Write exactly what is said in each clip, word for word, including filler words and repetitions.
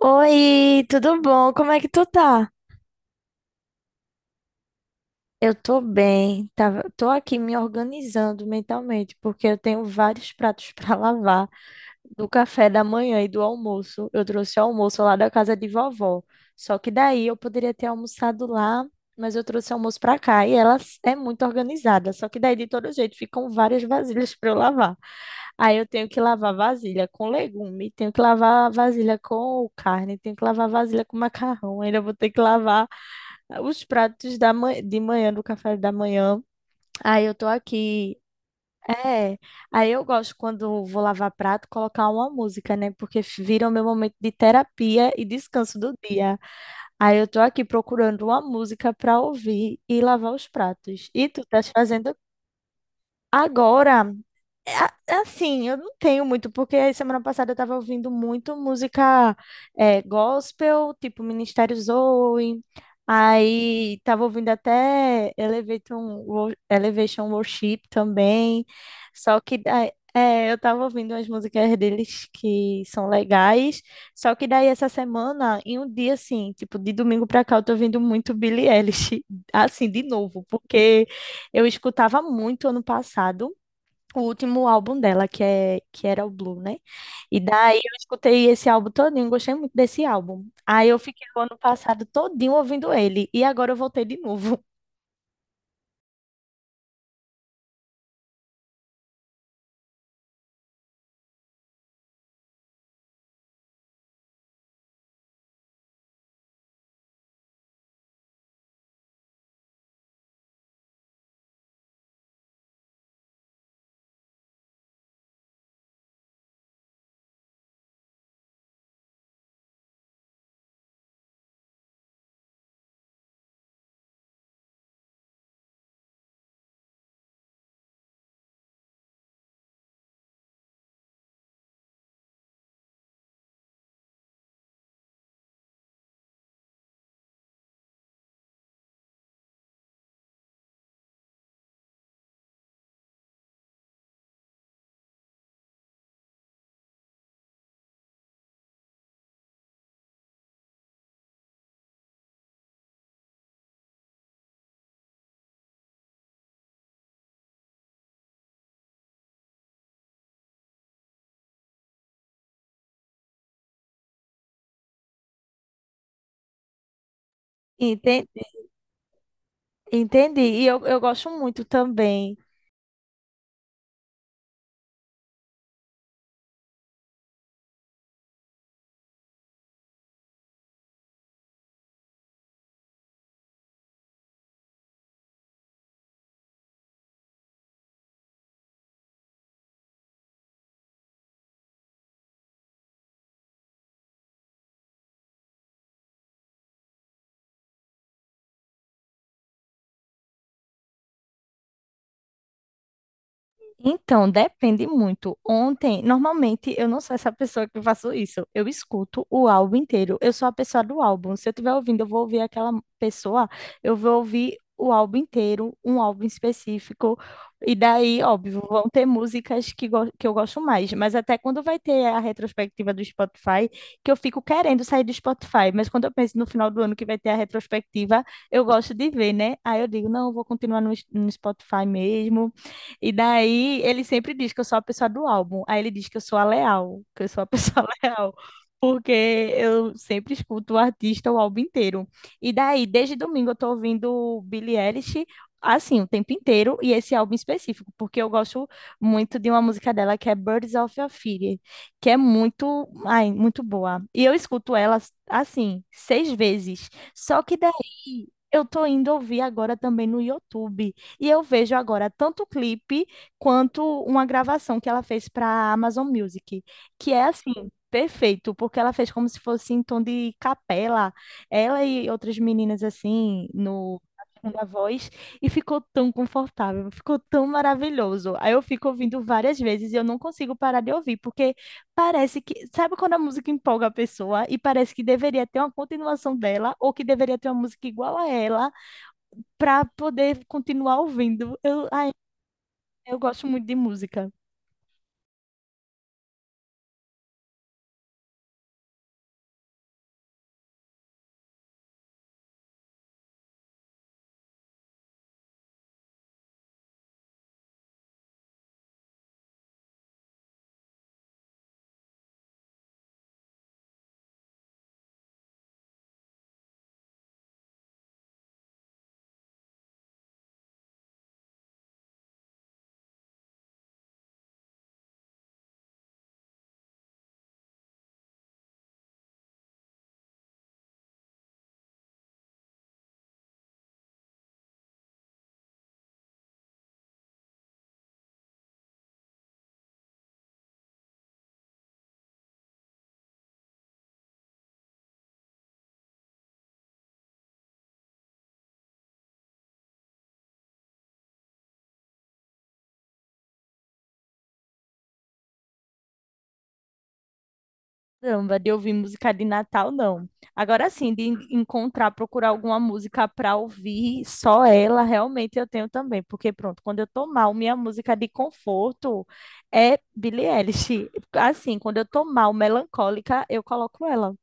Oi, tudo bom? Como é que tu tá? Eu tô bem, tava, tô aqui me organizando mentalmente, porque eu tenho vários pratos pra lavar do café da manhã e do almoço. Eu trouxe o almoço lá da casa de vovó, só que daí eu poderia ter almoçado lá, mas eu trouxe o almoço pra cá e ela s- é muito organizada, só que daí de todo jeito ficam várias vasilhas pra eu lavar. Aí eu tenho que lavar vasilha com legume, tenho que lavar vasilha com carne, tenho que lavar vasilha com macarrão, ainda vou ter que lavar os pratos da ma- de manhã, do café da manhã. Aí eu tô aqui. É, aí eu gosto quando vou lavar prato, colocar uma música, né? Porque f- vira o meu momento de terapia e descanso do dia. Aí eu tô aqui procurando uma música pra ouvir e lavar os pratos. E tu estás fazendo agora? A- Assim, eu não tenho muito, porque semana passada eu tava ouvindo muito música é, gospel, tipo Ministério Zoe, aí tava ouvindo até Elevation, Wo- Elevation Worship também, só que daí- é, eu tava ouvindo umas músicas deles que são legais, só que daí essa semana, em um dia assim, tipo de domingo pra cá, eu tô ouvindo muito Billie Eilish, assim, de novo, porque eu escutava muito ano passado, o último álbum dela, que é que era o Blue, né? E daí eu escutei esse álbum todinho, gostei muito desse álbum. Aí eu fiquei o ano passado todinho ouvindo ele e agora eu voltei de novo. Entendi, entendi. E eu, eu gosto muito também. Então, depende muito. Ontem, normalmente, eu não sou essa pessoa que faço isso. Eu escuto o álbum inteiro. Eu sou a pessoa do álbum. Se eu estiver ouvindo, eu vou ouvir aquela pessoa, eu vou ouvir o álbum inteiro, um álbum específico. E daí, óbvio, vão ter músicas que, go- que eu gosto mais. Mas até quando vai ter a retrospectiva do Spotify, que eu fico querendo sair do Spotify. Mas quando eu penso no final do ano que vai ter a retrospectiva, eu gosto de ver, né? Aí eu digo, não, eu vou continuar no, no Spotify mesmo. E daí ele sempre diz que eu sou a pessoa do álbum. Aí ele diz que eu sou a leal, que eu sou a pessoa leal, porque eu sempre escuto o artista o álbum inteiro. E daí, desde domingo, eu tô ouvindo Billie Eilish. Assim, o tempo inteiro, e esse álbum específico, porque eu gosto muito de uma música dela que é Birds of a Feather, que é muito, ai, muito boa. E eu escuto ela, assim, seis vezes. Só que daí, eu tô indo ouvir agora também no YouTube e eu vejo agora tanto o clipe quanto uma gravação que ela fez para a Amazon Music, que é assim, perfeito, porque ela fez como se fosse em tom de capela, ela e outras meninas assim, no na segunda voz, e ficou tão confortável, ficou tão maravilhoso. Aí eu fico ouvindo várias vezes e eu não consigo parar de ouvir, porque parece que, sabe quando a música empolga a pessoa e parece que deveria ter uma continuação dela ou que deveria ter uma música igual a ela para poder continuar ouvindo. Eu, ai, eu gosto muito de música. Caramba, de ouvir música de Natal, não. Agora sim, de en- encontrar, procurar alguma música para ouvir, só ela, realmente eu tenho também. Porque, pronto, quando eu tô mal, minha música de conforto é Billie Eilish. Assim, quando eu tô mal, melancólica, eu coloco ela.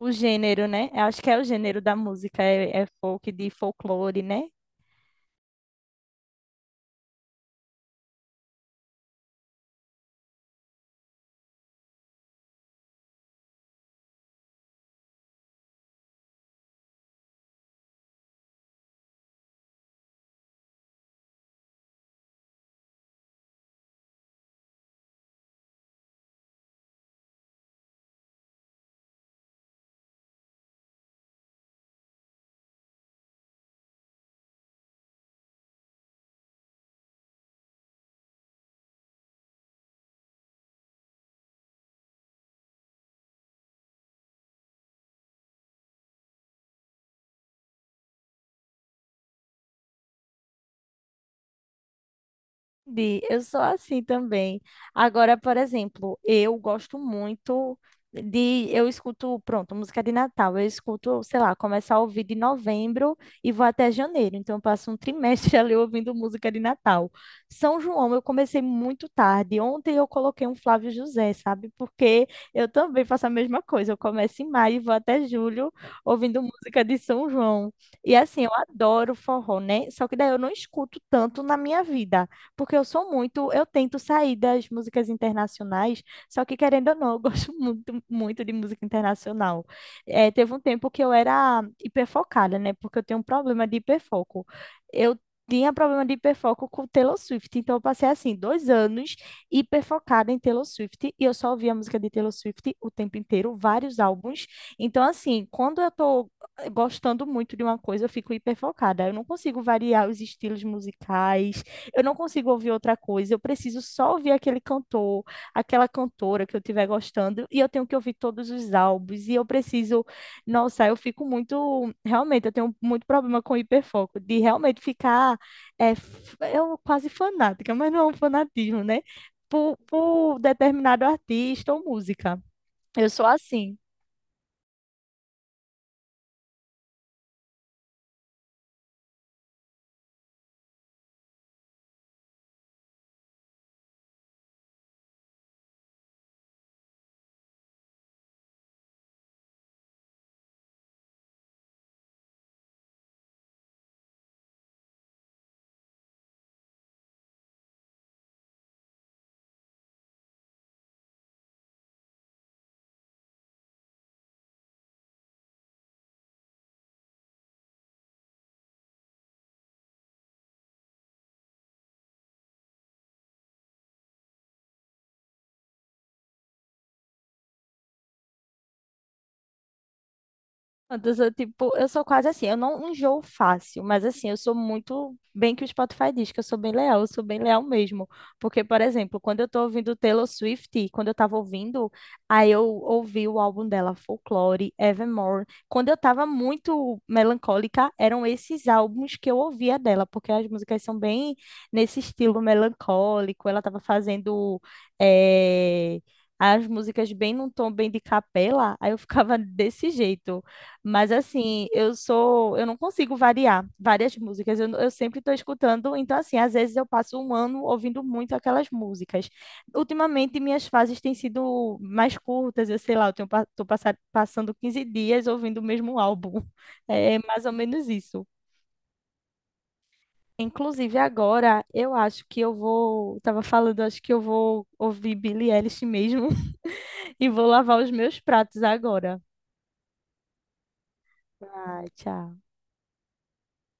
O gênero, né? Eu acho que é o gênero da música, é, é folk, de folclore, né? Bi, eu sou assim também. Agora, por exemplo, eu gosto muito de. Eu escuto, pronto, música de Natal. Eu escuto, sei lá, começar a ouvir de novembro e vou até janeiro. Então, eu passo um trimestre ali ouvindo música de Natal. São João, eu comecei muito tarde. Ontem eu coloquei um Flávio José, sabe? Porque eu também faço a mesma coisa. Eu começo em maio e vou até julho ouvindo música de São João. E assim, eu adoro forró, né? Só que daí eu não escuto tanto na minha vida porque eu sou muito, eu tento sair das músicas internacionais, só que querendo ou não, eu gosto muito, muito de música internacional. É, teve um tempo que eu era hiperfocada, né? Porque eu tenho um problema de hiperfoco. Eu tinha problema de hiperfoco com Taylor Swift, então eu passei assim dois anos hiperfocada em Taylor Swift e eu só ouvia a música de Taylor Swift o tempo inteiro, vários álbuns. Então assim, quando eu tô gostando muito de uma coisa, eu fico hiperfocada. Eu não consigo variar os estilos musicais, eu não consigo ouvir outra coisa, eu preciso só ouvir aquele cantor, aquela cantora que eu estiver gostando, e eu tenho que ouvir todos os álbuns, e eu preciso, nossa, eu fico muito, realmente, eu tenho muito problema com hiperfoco, de realmente ficar, é, f- eu quase fanática, mas não é um fanatismo, né? Por, por determinado artista ou música. Eu sou assim. Antes eu, tipo, eu sou quase assim, eu não enjoo fácil, mas assim, eu sou muito bem que o Spotify diz que eu sou bem leal, eu sou bem leal mesmo. Porque, por exemplo, quando eu tô ouvindo Taylor Swift, quando eu tava ouvindo, aí eu ouvi o álbum dela, Folklore, Evermore. Quando eu tava muito melancólica, eram esses álbuns que eu ouvia dela, porque as músicas são bem nesse estilo melancólico, ela tava fazendo. eh, As músicas bem num tom bem de capela, aí eu ficava desse jeito. Mas assim, eu sou, eu não consigo variar várias músicas. Eu, eu sempre estou escutando, então assim, às vezes eu passo um ano ouvindo muito aquelas músicas. Ultimamente minhas fases têm sido mais curtas, eu sei lá, eu tenho, pa- tô passa- passando quinze dias ouvindo o mesmo álbum. É mais ou menos isso. Inclusive agora, eu acho que eu vou, tava falando, acho que eu vou ouvir Billie Eilish mesmo e vou lavar os meus pratos agora. Ai, tchau.